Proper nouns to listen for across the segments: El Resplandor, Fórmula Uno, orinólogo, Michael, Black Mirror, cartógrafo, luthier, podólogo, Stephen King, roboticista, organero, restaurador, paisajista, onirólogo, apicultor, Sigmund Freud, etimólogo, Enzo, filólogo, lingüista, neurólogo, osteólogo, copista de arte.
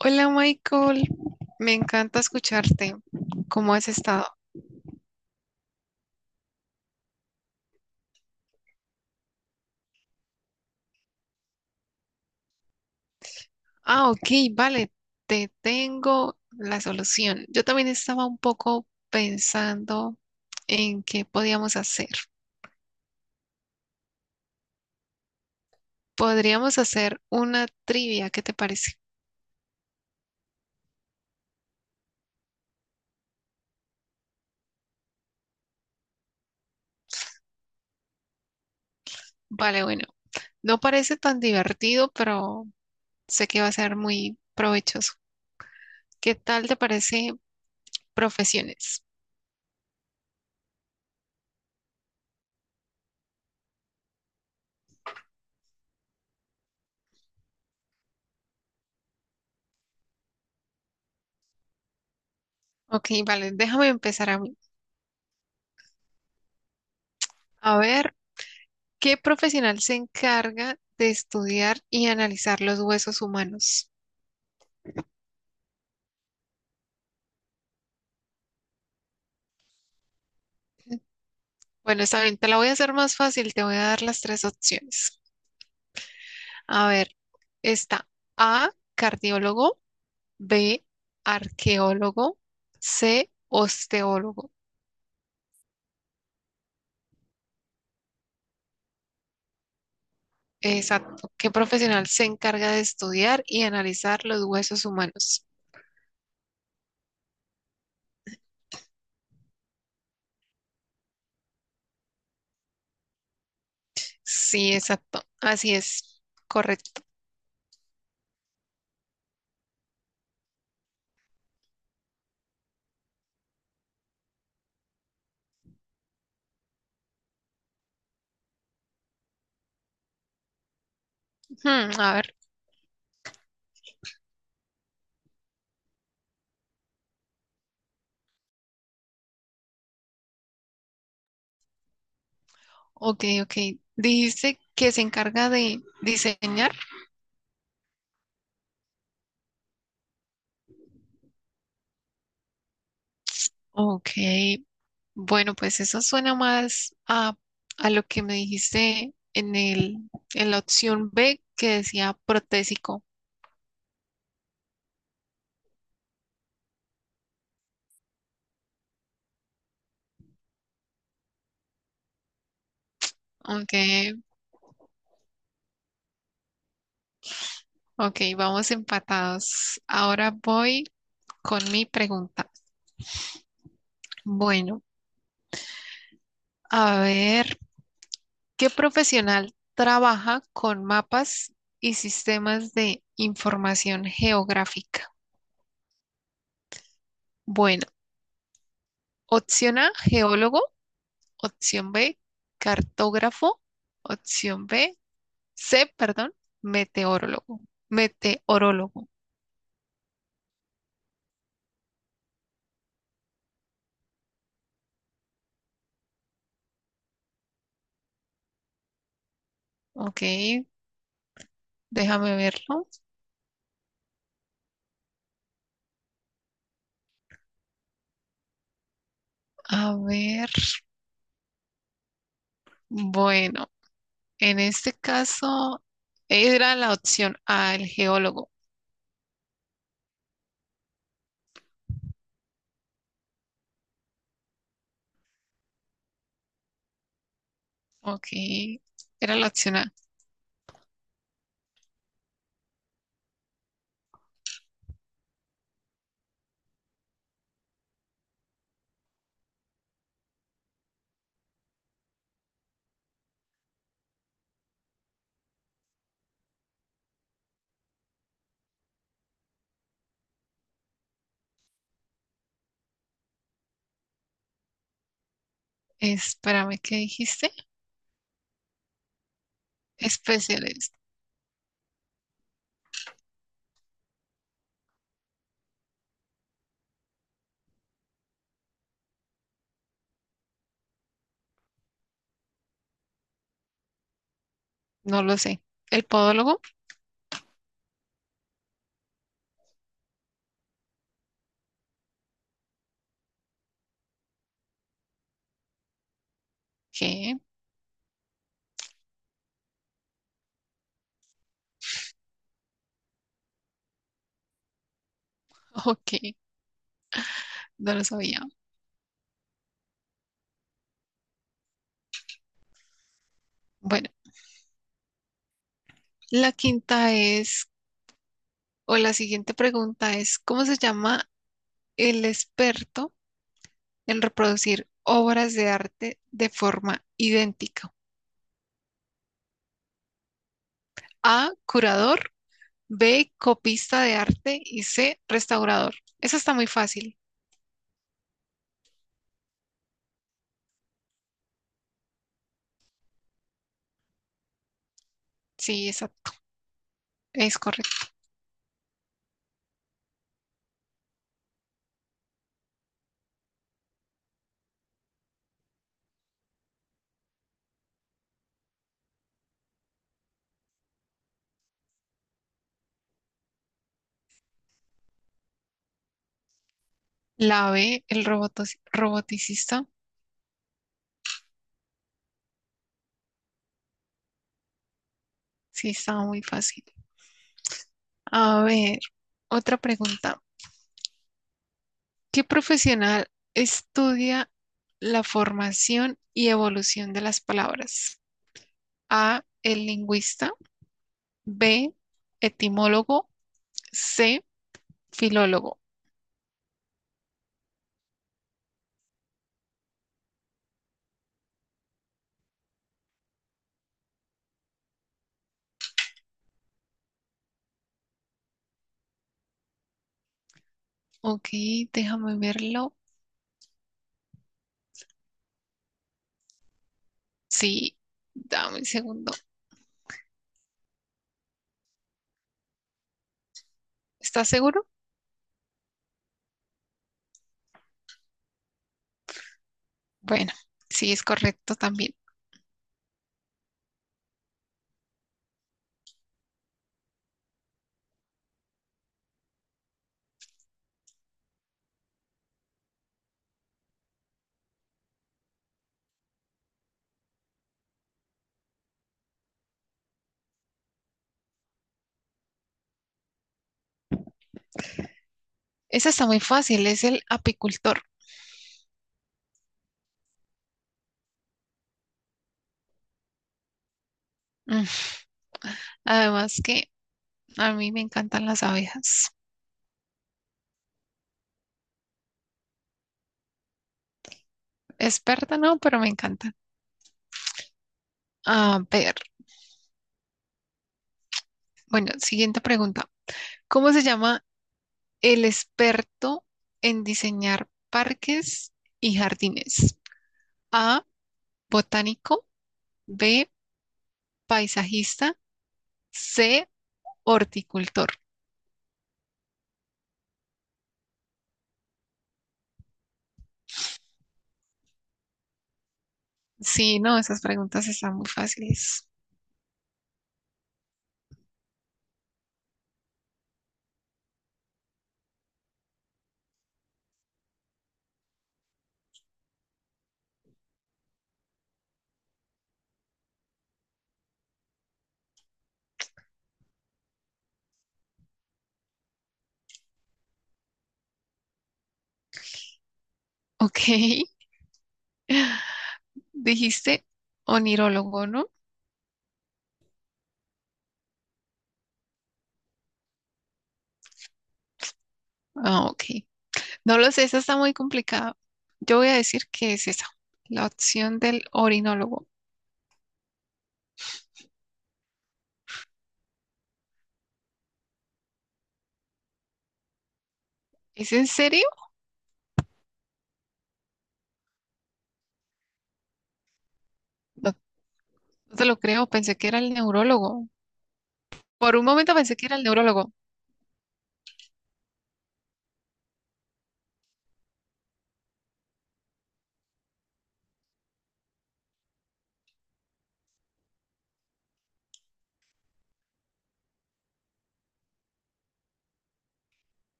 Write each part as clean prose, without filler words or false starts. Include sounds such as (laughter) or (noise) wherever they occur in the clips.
Hola Michael, me encanta escucharte. ¿Cómo has estado? Ah, ok, vale, te tengo la solución. Yo también estaba un poco pensando en qué podíamos hacer. Podríamos hacer una trivia, ¿qué te parece? Vale, bueno, no parece tan divertido, pero sé que va a ser muy provechoso. ¿Qué tal te parece profesiones? Ok, vale, déjame empezar a mí. A ver. ¿Qué profesional se encarga de estudiar y analizar los huesos humanos? Bueno, está bien, te la voy a hacer más fácil, te voy a dar las tres opciones. A ver, está A, cardiólogo, B, arqueólogo, C, osteólogo. Exacto. ¿Qué profesional se encarga de estudiar y analizar los huesos humanos? Sí, exacto. Así es. Correcto. Hmm, a ver. Ok, ok. Dijiste que se encarga de diseñar. Ok, bueno, pues eso suena más a lo que me dijiste en en la opción B que decía protésico. Aunque, ok, vamos empatados. Ahora voy con mi pregunta. Bueno, a ver, ¿qué profesional trabaja con mapas y sistemas de información geográfica? Bueno, opción A, geólogo, opción B, cartógrafo. Opción B, sé, perdón, meteorólogo. Meteorólogo. Ok, déjame verlo. A ver, bueno, en este caso era la opción A, el geólogo. Ok, era la opción A. Espérame, ¿qué dijiste? Especialista. No lo sé. ¿El podólogo? ¿Qué? (laughs) Ok, no lo sabía. Bueno, la quinta es, o la siguiente pregunta es, ¿cómo se llama el experto? El reproducir obras de arte de forma idéntica. A, curador, B, copista de arte y C, restaurador. Eso está muy fácil. Sí, esa es correcto. La B, el robotos- roboticista. Sí, está muy fácil. A ver, otra pregunta. ¿Qué profesional estudia la formación y evolución de las palabras? A, el lingüista, B, etimólogo, C, filólogo. Ok, déjame verlo. Sí, dame un segundo. ¿Estás seguro? Bueno, sí, es correcto también. Esa está muy fácil, es el apicultor. Mm, además que a mí me encantan las abejas. Experta no, pero me encantan. A ver, bueno, siguiente pregunta. ¿Cómo se llama el experto en diseñar parques y jardines? A, botánico, B, paisajista, C, horticultor. Sí, no, esas preguntas están muy fáciles. Ok, (laughs) dijiste onirólogo, ¿no? Ah, ok. No lo sé, esa está muy complicada. Yo voy a decir que es esa, la opción del orinólogo. ¿Es en serio? No, no te lo creo, pensé que era el neurólogo. Por un momento pensé que era el neurólogo.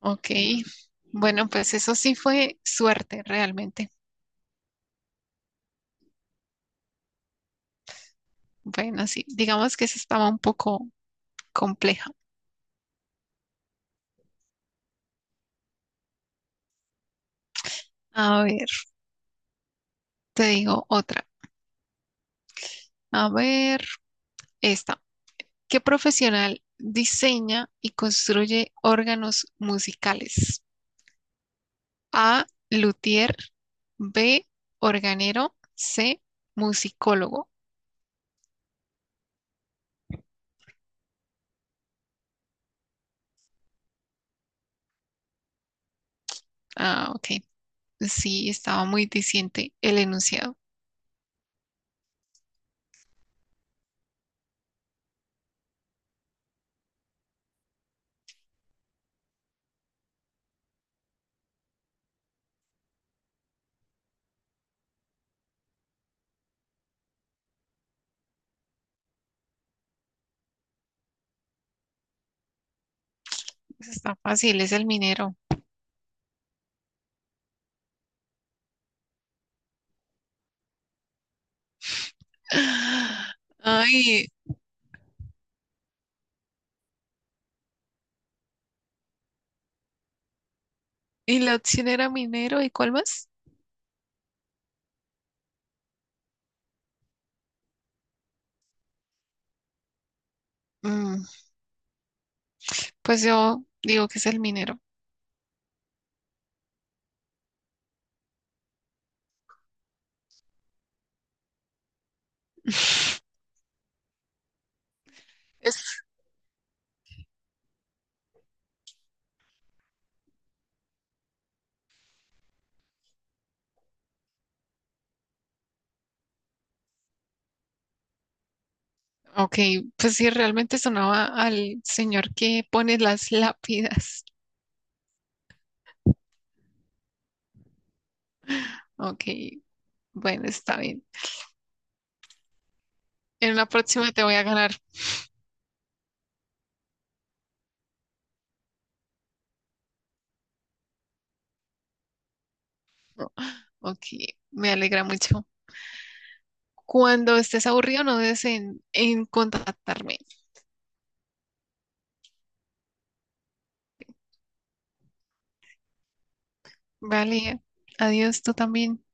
Ok, bueno, pues eso sí fue suerte realmente. Bueno, sí, digamos que esa estaba un poco compleja. A ver, te digo otra. A ver, esta. ¿Qué profesional diseña y construye órganos musicales? A, luthier, B, organero, C, musicólogo. Ah, ok. Sí, estaba muy diciente el enunciado. Está fácil, es el minero. (gasps) Ay, y la opción era minero, ¿y cuál más? Mm, pues yo digo que es el minero. (laughs) Es- ok, pues sí, realmente sonaba al señor que pone las lápidas. Ok, bueno, está bien. En la próxima te voy a ganar. Ok, me alegra mucho. Cuando estés aburrido, no dudes en contactarme. Vale, adiós, tú también.